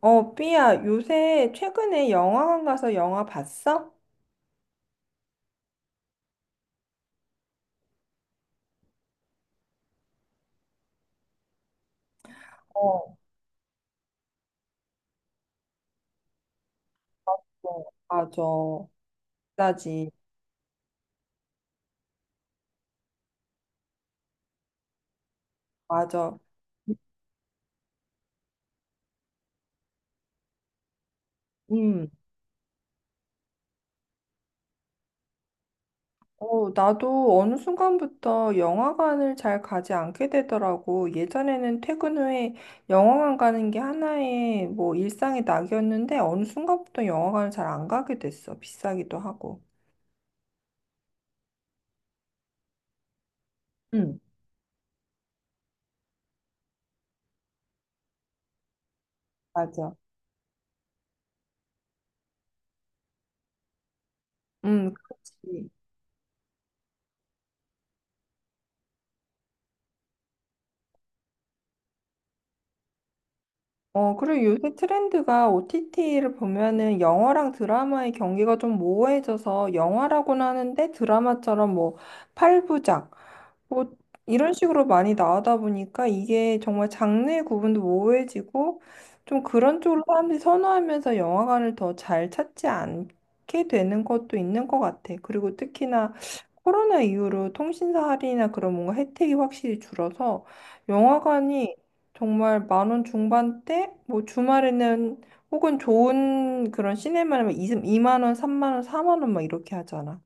어, 삐야, 요새 최근에 영화관 가서 영화 봤어? 어, 어, 맞아. 나지. 맞아. 음. 어, 나도 어느 순간부터 영화관을 잘 가지 않게 되더라고. 예전에는 퇴근 후에 영화관 가는 게 하나의 뭐 일상의 낙이었는데 어느 순간부터 영화관을 잘 안 가게 됐어. 비싸기도 하고. 응, 맞아. 그렇지. 어, 그리고 요새 트렌드가 OTT를 보면은 영화랑 드라마의 경계가 좀 모호해져서 영화라고는 하는데 드라마처럼 뭐 8부작, 뭐 이런 식으로 많이 나오다 보니까 이게 정말 장르의 구분도 모호해지고 좀 그런 쪽으로 사람들이 선호하면서 영화관을 더 잘 찾지 않게 되는 것도 있는 것 같아. 그리고 특히나 코로나 이후로 통신사 할인이나 그런 뭔가 혜택이 확실히 줄어서 영화관이 정말 10,000원 중반대 뭐 주말에는 혹은 좋은 그런 시네마는 2만 원, 3만 원, 4만 원 막 이렇게 하잖아.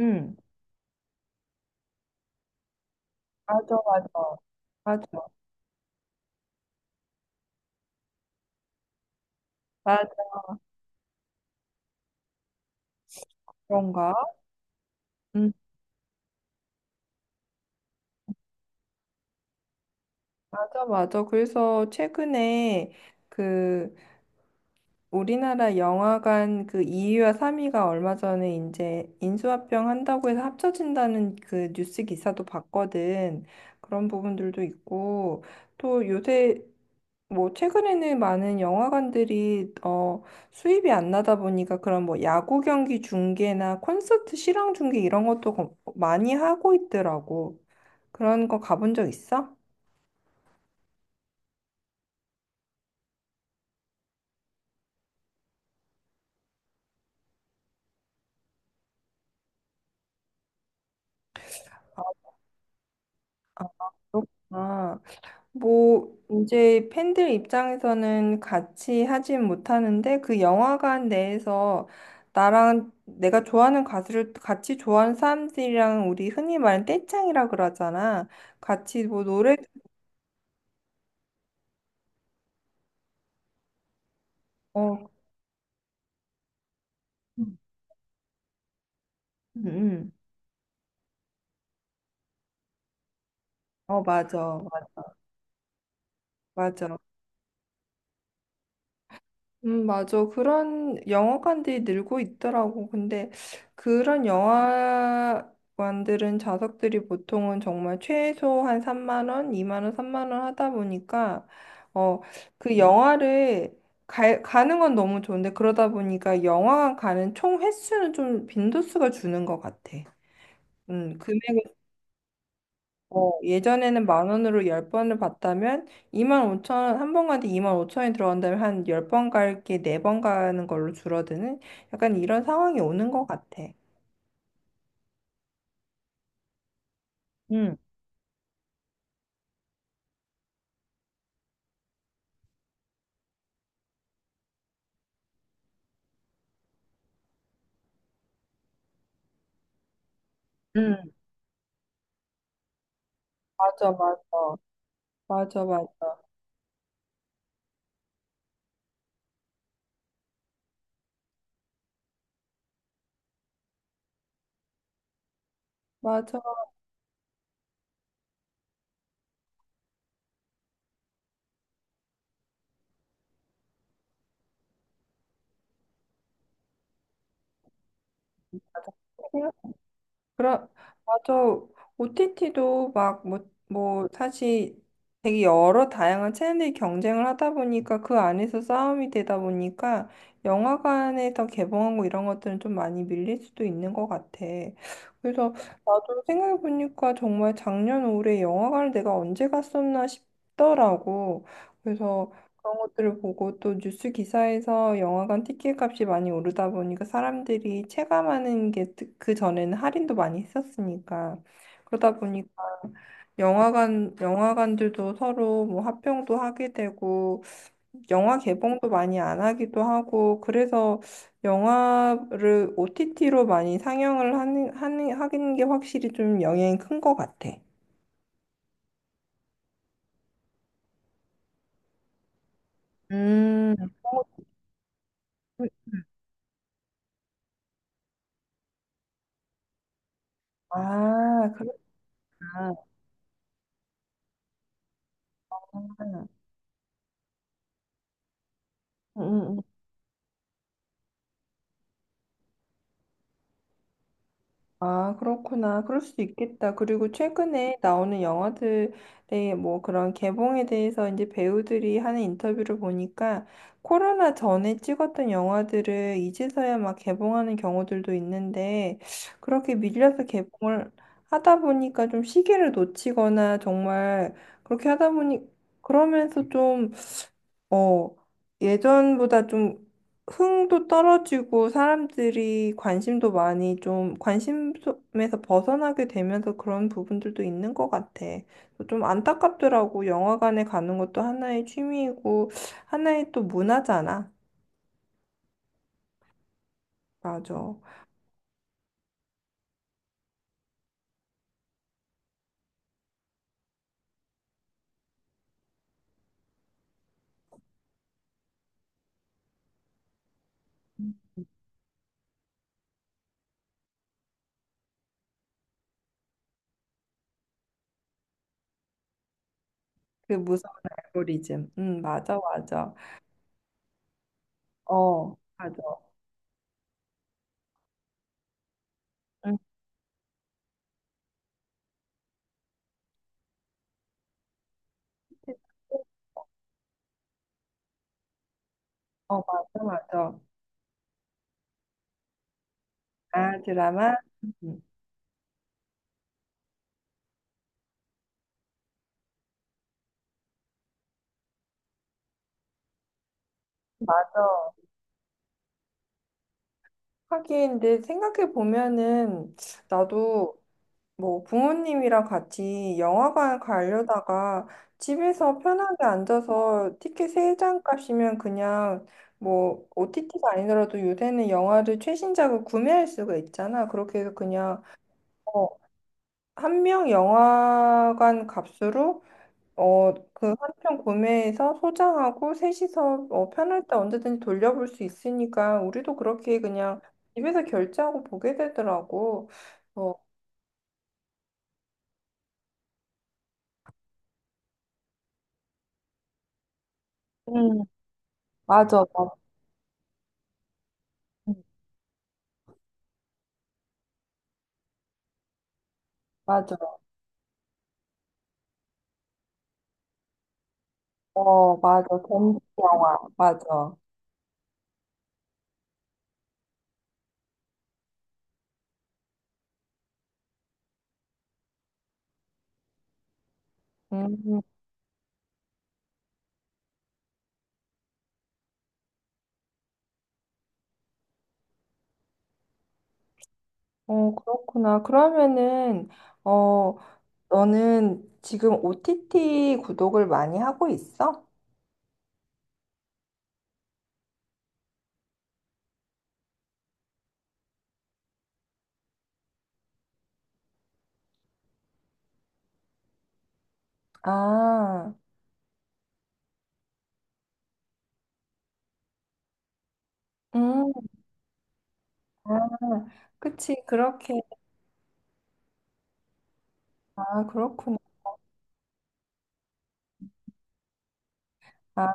응, 맞아, 맞아. 맞아. 그런가? 음, 맞아, 맞아. 그래서 최근에 그 우리나라 영화관 그 2위와 3위가 얼마 전에 이제 인수합병 한다고 해서 합쳐진다는 그 뉴스 기사도 봤거든. 그런 부분들도 있고 또 요새 뭐 최근에는 많은 영화관들이 어 수입이 안 나다 보니까 그런 뭐 야구 경기 중계나 콘서트 실황 중계 이런 것도 많이 하고 있더라고. 그런 거 가본 적 있어? 그렇구나. 아. 뭐, 이제 팬들 입장에서는 같이 하진 못하는데 그 영화관 내에서 나랑 내가 좋아하는 가수를 같이 좋아하는 사람들이랑 우리 흔히 말하는 떼짱이라 그러잖아. 같이 뭐 노래, 어, 음, 음. 어, 맞아. 맞아. 맞아. 그런 영화관들이 늘고 있더라고. 근데 그런 영화관들은 좌석들이 보통은 정말 최소 한 3만 원, 2만 원, 3만 원 하다 보니까 어, 그 영화를 가는 건 너무 좋은데 그러다 보니까 영화관 가는 총 횟수는 좀 빈도수가 주는 것 같아. 금액 어, 예전에는 만 원으로 열 번을 봤다면 25,000원, 한 번 가는데 2만 오천 원이 들어간다면 한 10번 갈게 네 번 가는 걸로 줄어드는 약간 이런 상황이 오는 것 같아. 응, 응. 맞아, 맞아. 맞아, 맞아. 맞아. 그러, 맞아. OTT도 막, 뭐, 뭐, 사실 되게 여러 다양한 채널이 경쟁을 하다 보니까 그 안에서 싸움이 되다 보니까 영화관에서 개봉하고 이런 것들은 좀 많이 밀릴 수도 있는 것 같아. 그래서 나도 생각해보니까 정말 작년 올해 영화관을 내가 언제 갔었나 싶더라고. 그래서 그런 것들을 보고 또 뉴스 기사에서 영화관 티켓 값이 많이 오르다 보니까 사람들이 체감하는 게 그 전에는 할인도 많이 했었으니까 그러다 보니까 영화관들도 서로 뭐 합병도 하게 되고 영화 개봉도 많이 안 하기도 하고 그래서 영화를 OTT로 많이 상영을 하는 게 확실히 좀 영향이 큰 것 같아. 음, 아, 그렇구나. 응, 아, 그렇구나. 그럴 수도 있겠다. 그리고 최근에 나오는 영화들의 뭐 그런 개봉에 대해서 이제 배우들이 하는 인터뷰를 보니까 코로나 전에 찍었던 영화들을 이제서야 막 개봉하는 경우들도 있는데 그렇게 밀려서 개봉을 하다 보니까 좀 시기를 놓치거나 정말 그렇게 하다 보니 그러면서 좀 어, 예전보다 좀 흥도 떨어지고 사람들이 관심도 많이 좀 관심에서 벗어나게 되면서 그런 부분들도 있는 것 같아. 좀 안타깝더라고. 영화관에 가는 것도 하나의 취미이고 하나의 또 문화잖아. 맞아. 그 무서운 알고리즘. 응, 맞아, 맞아. 어, 맞아. 응. 어, 맞아, 맞아. 아, 드라마? 응. 하긴, 근데 생각해 보면은, 나도 뭐 부모님이랑 같이 영화관 가려다가 집에서 편하게 앉아서 티켓 세 장 값이면 그냥 뭐 OTT가 아니더라도 요새는 영화를 최신작을 구매할 수가 있잖아. 그렇게 해서 그냥, 어, 한 명 영화관 값으로 어, 그 한편 구매해서 소장하고 셋이서 어, 편할 때 언제든지 돌려볼 수 있으니까 우리도 그렇게 그냥 집에서 결제하고 보게 되더라고. 어, 음, 맞아, 음, 맞아. 어, 맞아. 범죄 영화, 맞아. 음, 어, 그렇구나. 그러면은, 어, 너는 지금 OTT 구독을 많이 하고 있어? 아, 음, 아, 그치, 그렇게. 아, 그렇구나. 아,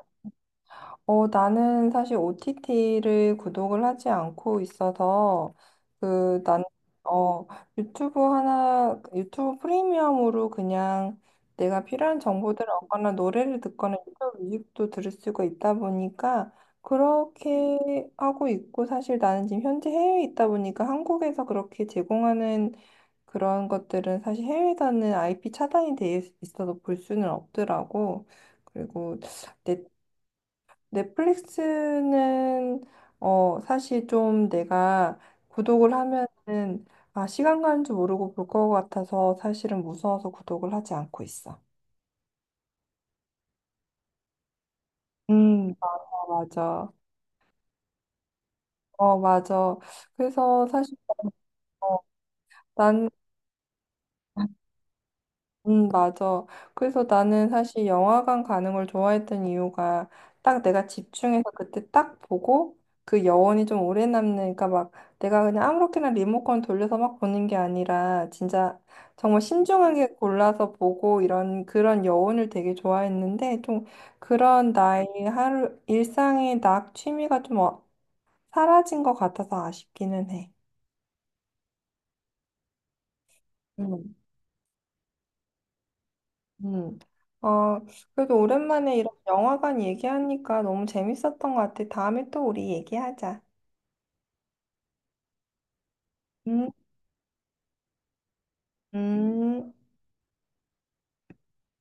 어, 나는 사실 OTT를 구독을 하지 않고 있어서, 그, 난, 어, 유튜브 하나, 유튜브 프리미엄으로 그냥 내가 필요한 정보들을 얻거나 노래를 듣거나 유튜브 뮤직도 들을 수가 있다 보니까, 그렇게 하고 있고, 사실 나는 지금 현재 해외에 있다 보니까 한국에서 그렇게 제공하는 그런 것들은 사실 해외에서는 IP 차단이 돼 있어서 볼 수는 없더라고. 그리고 내 넷플릭스는 어 사실 좀 내가 구독을 하면은 아 시간 가는 줄 모르고 볼 것 같아서 사실은 무서워서 구독을 하지 않고 있어. 음, 아, 맞아. 어, 맞아. 그래서 사실 어, 난 맞아. 그래서 나는 사실 영화관 가는 걸 좋아했던 이유가 딱 내가 집중해서 그때 딱 보고 그 여운이 좀 오래 남으니까 막 내가 그냥 아무렇게나 리모컨 돌려서 막 보는 게 아니라 진짜 정말 신중하게 골라서 보고 이런 그런 여운을 되게 좋아했는데 좀 그런 나의 하루 일상의 낙 취미가 좀 사라진 것 같아서 아쉽기는 해. 음. 어, 그래도 오랜만에 이런 영화관 얘기하니까 너무 재밌었던 것 같아. 다음에 또 우리 얘기하자. 음, 음.